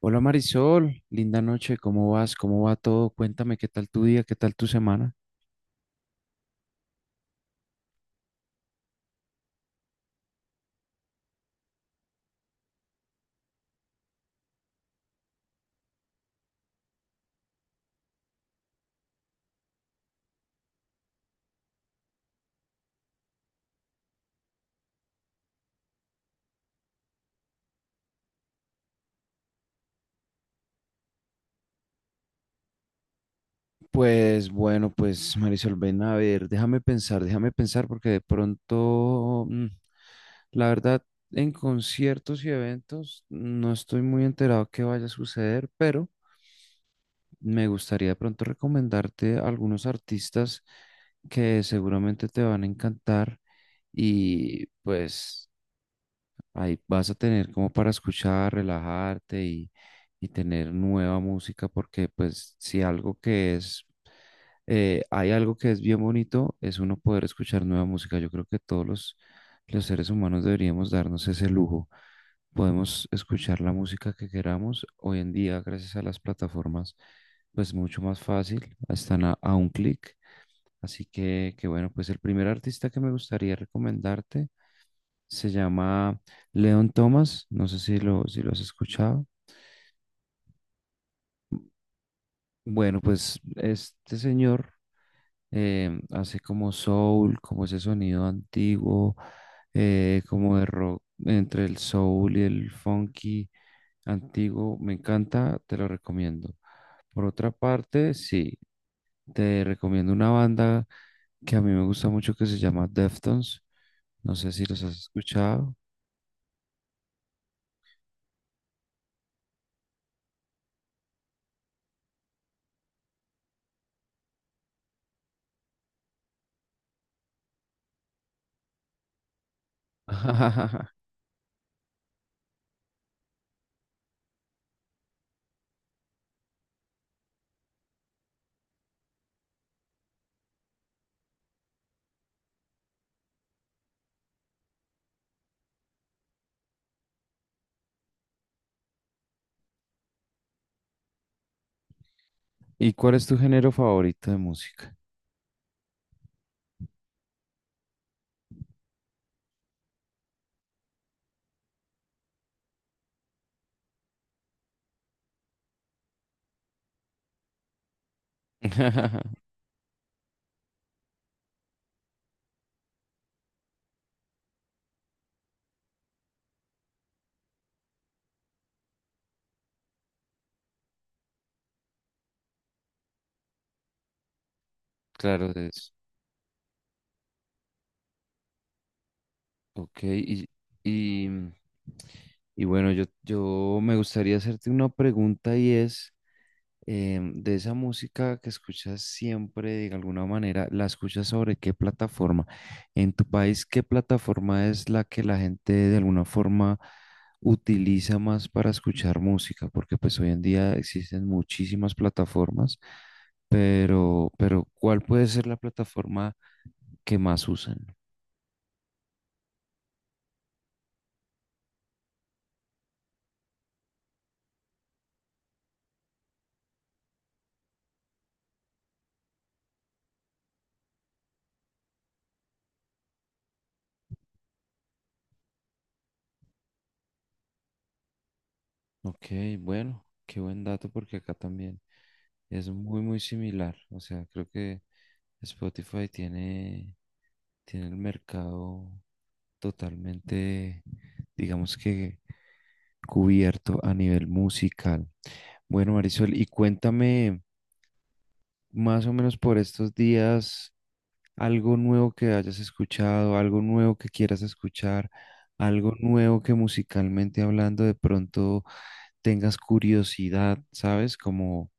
Hola Marisol, linda noche, ¿cómo vas? ¿Cómo va todo? Cuéntame qué tal tu día, qué tal tu semana. Pues bueno, pues Marisol, ven a ver, déjame pensar porque de pronto, la verdad, en conciertos y eventos no estoy muy enterado qué vaya a suceder, pero me gustaría de pronto recomendarte algunos artistas que seguramente te van a encantar y pues ahí vas a tener como para escuchar, relajarte y tener nueva música, porque pues si algo que es, hay algo que es bien bonito, es uno poder escuchar nueva música. Yo creo que los seres humanos deberíamos darnos ese lujo. Podemos escuchar la música que queramos. Hoy en día, gracias a las plataformas, pues mucho más fácil, están a un clic. Así que bueno, pues el primer artista que me gustaría recomendarte. Se llama Leon Thomas, no sé si lo has escuchado. Bueno, pues este señor hace como soul, como ese sonido antiguo, como de rock, entre el soul y el funky antiguo. Me encanta, te lo recomiendo. Por otra parte, sí, te recomiendo una banda que a mí me gusta mucho que se llama Deftones. No sé si los has escuchado. ¿Y cuál es tu género favorito de música? Claro, es. Ok, y, y bueno, yo me gustaría hacerte una pregunta y es, de esa música que escuchas siempre, de alguna manera, ¿la escuchas sobre qué plataforma? En tu país, ¿qué plataforma es la que la gente de alguna forma utiliza más para escuchar música? Porque pues hoy en día existen muchísimas plataformas, pero, ¿cuál puede ser la plataforma que más usan? Ok, bueno, qué buen dato porque acá también es muy, muy similar. O sea, creo que Spotify tiene, tiene el mercado totalmente, digamos que cubierto a nivel musical. Bueno, Marisol, y cuéntame más o menos por estos días algo nuevo que hayas escuchado, algo nuevo que quieras escuchar, algo nuevo que musicalmente hablando de pronto tengas curiosidad, ¿sabes? Como,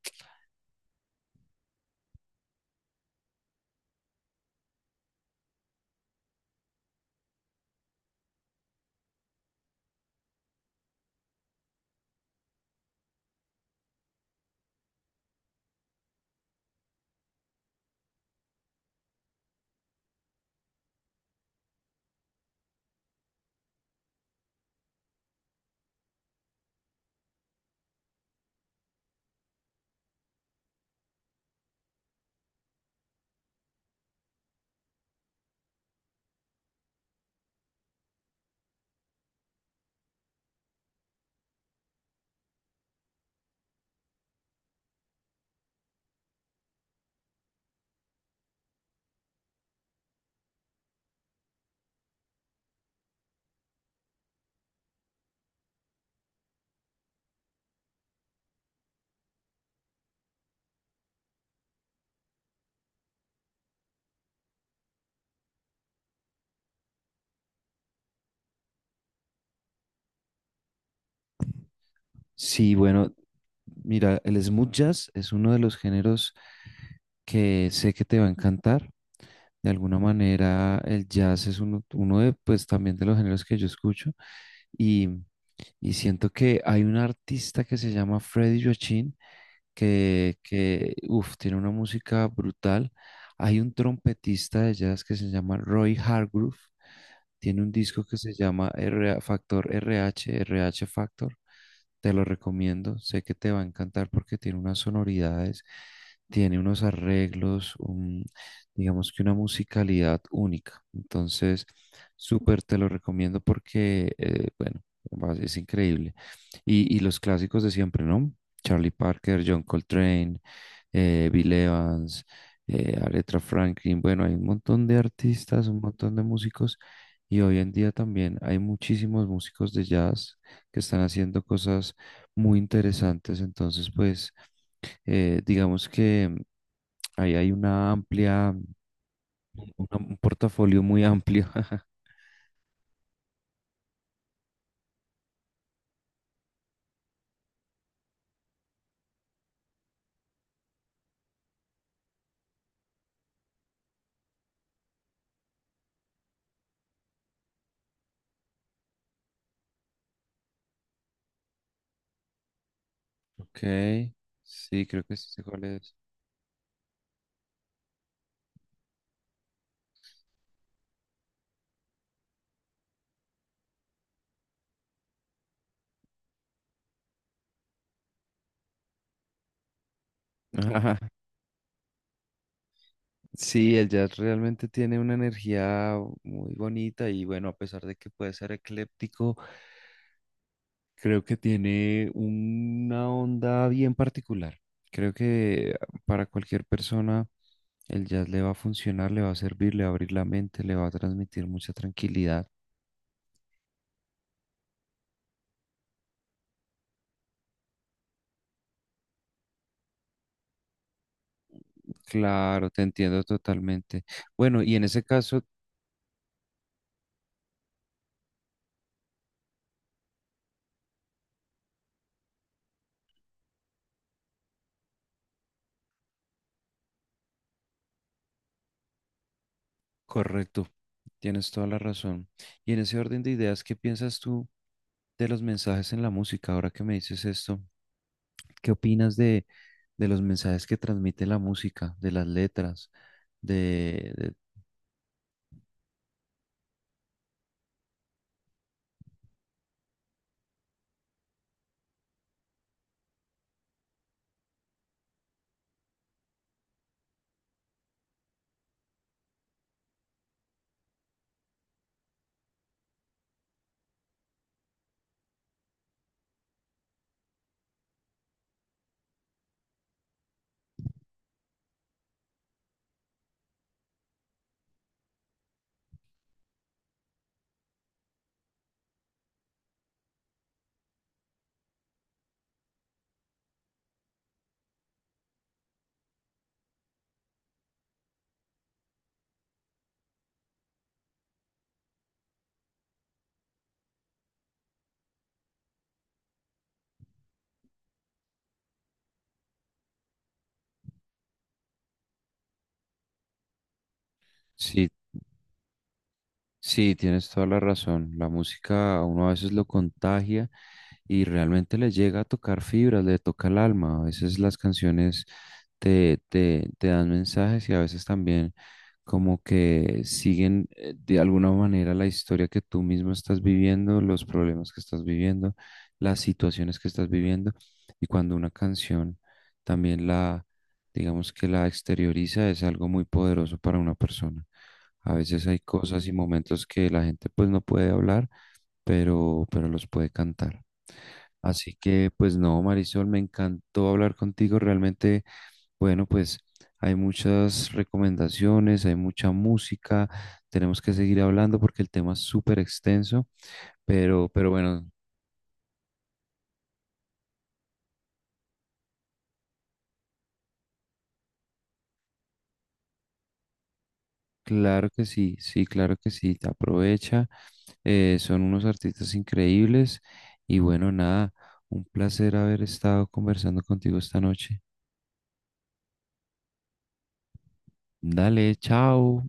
sí, bueno, mira, el smooth jazz es uno de los géneros que sé que te va a encantar. De alguna manera, el jazz es uno de, pues, también de los géneros que yo escucho y, siento que hay un artista que se llama Freddy Joachim que uf, tiene una música brutal. Hay un trompetista de jazz que se llama Roy Hargrove, tiene un disco que se llama R- Factor R H R H Factor. Te lo recomiendo, sé que te va a encantar porque tiene unas sonoridades, tiene unos arreglos, digamos que una musicalidad única. Entonces, súper te lo recomiendo porque, bueno, es increíble. Y, los clásicos de siempre, ¿no? Charlie Parker, John Coltrane, Bill Evans, Aretha Franklin. Bueno, hay un montón de artistas, un montón de músicos. Y hoy en día también hay muchísimos músicos de jazz que están haciendo cosas muy interesantes. Entonces, pues, digamos que ahí hay una amplia, un portafolio muy amplio. Ok, sí, creo que sí sé cuál es. Ajá, sí, el jazz realmente tiene una energía muy bonita y bueno, a pesar de que puede ser ecléptico, creo que tiene una onda bien particular. Creo que para cualquier persona el jazz le va a funcionar, le va a servir, le va a abrir la mente, le va a transmitir mucha tranquilidad. Claro, te entiendo totalmente. Bueno, y en ese caso, correcto, tienes toda la razón. Y en ese orden de ideas, ¿qué piensas tú de los mensajes en la música? Ahora que me dices esto, ¿qué opinas de los mensajes que transmite la música, de las letras, de, de- sí, sí, tienes toda la razón. La música a uno a veces lo contagia y realmente le llega a tocar fibras, le toca el alma. A veces las canciones te dan mensajes y a veces también como que siguen de alguna manera la historia que tú mismo estás viviendo, los problemas que estás viviendo, las situaciones que estás viviendo. Y cuando una canción también digamos que la exterioriza, es algo muy poderoso para una persona. A veces hay cosas y momentos que la gente pues no puede hablar, pero, los puede cantar. Así que pues no, Marisol, me encantó hablar contigo. Realmente, bueno, pues hay muchas recomendaciones, hay mucha música. Tenemos que seguir hablando porque el tema es súper extenso, pero, bueno, claro que sí, sí, claro que sí, te aprovecha. Son unos artistas increíbles y bueno, nada, un placer haber estado conversando contigo esta noche. Dale, chao.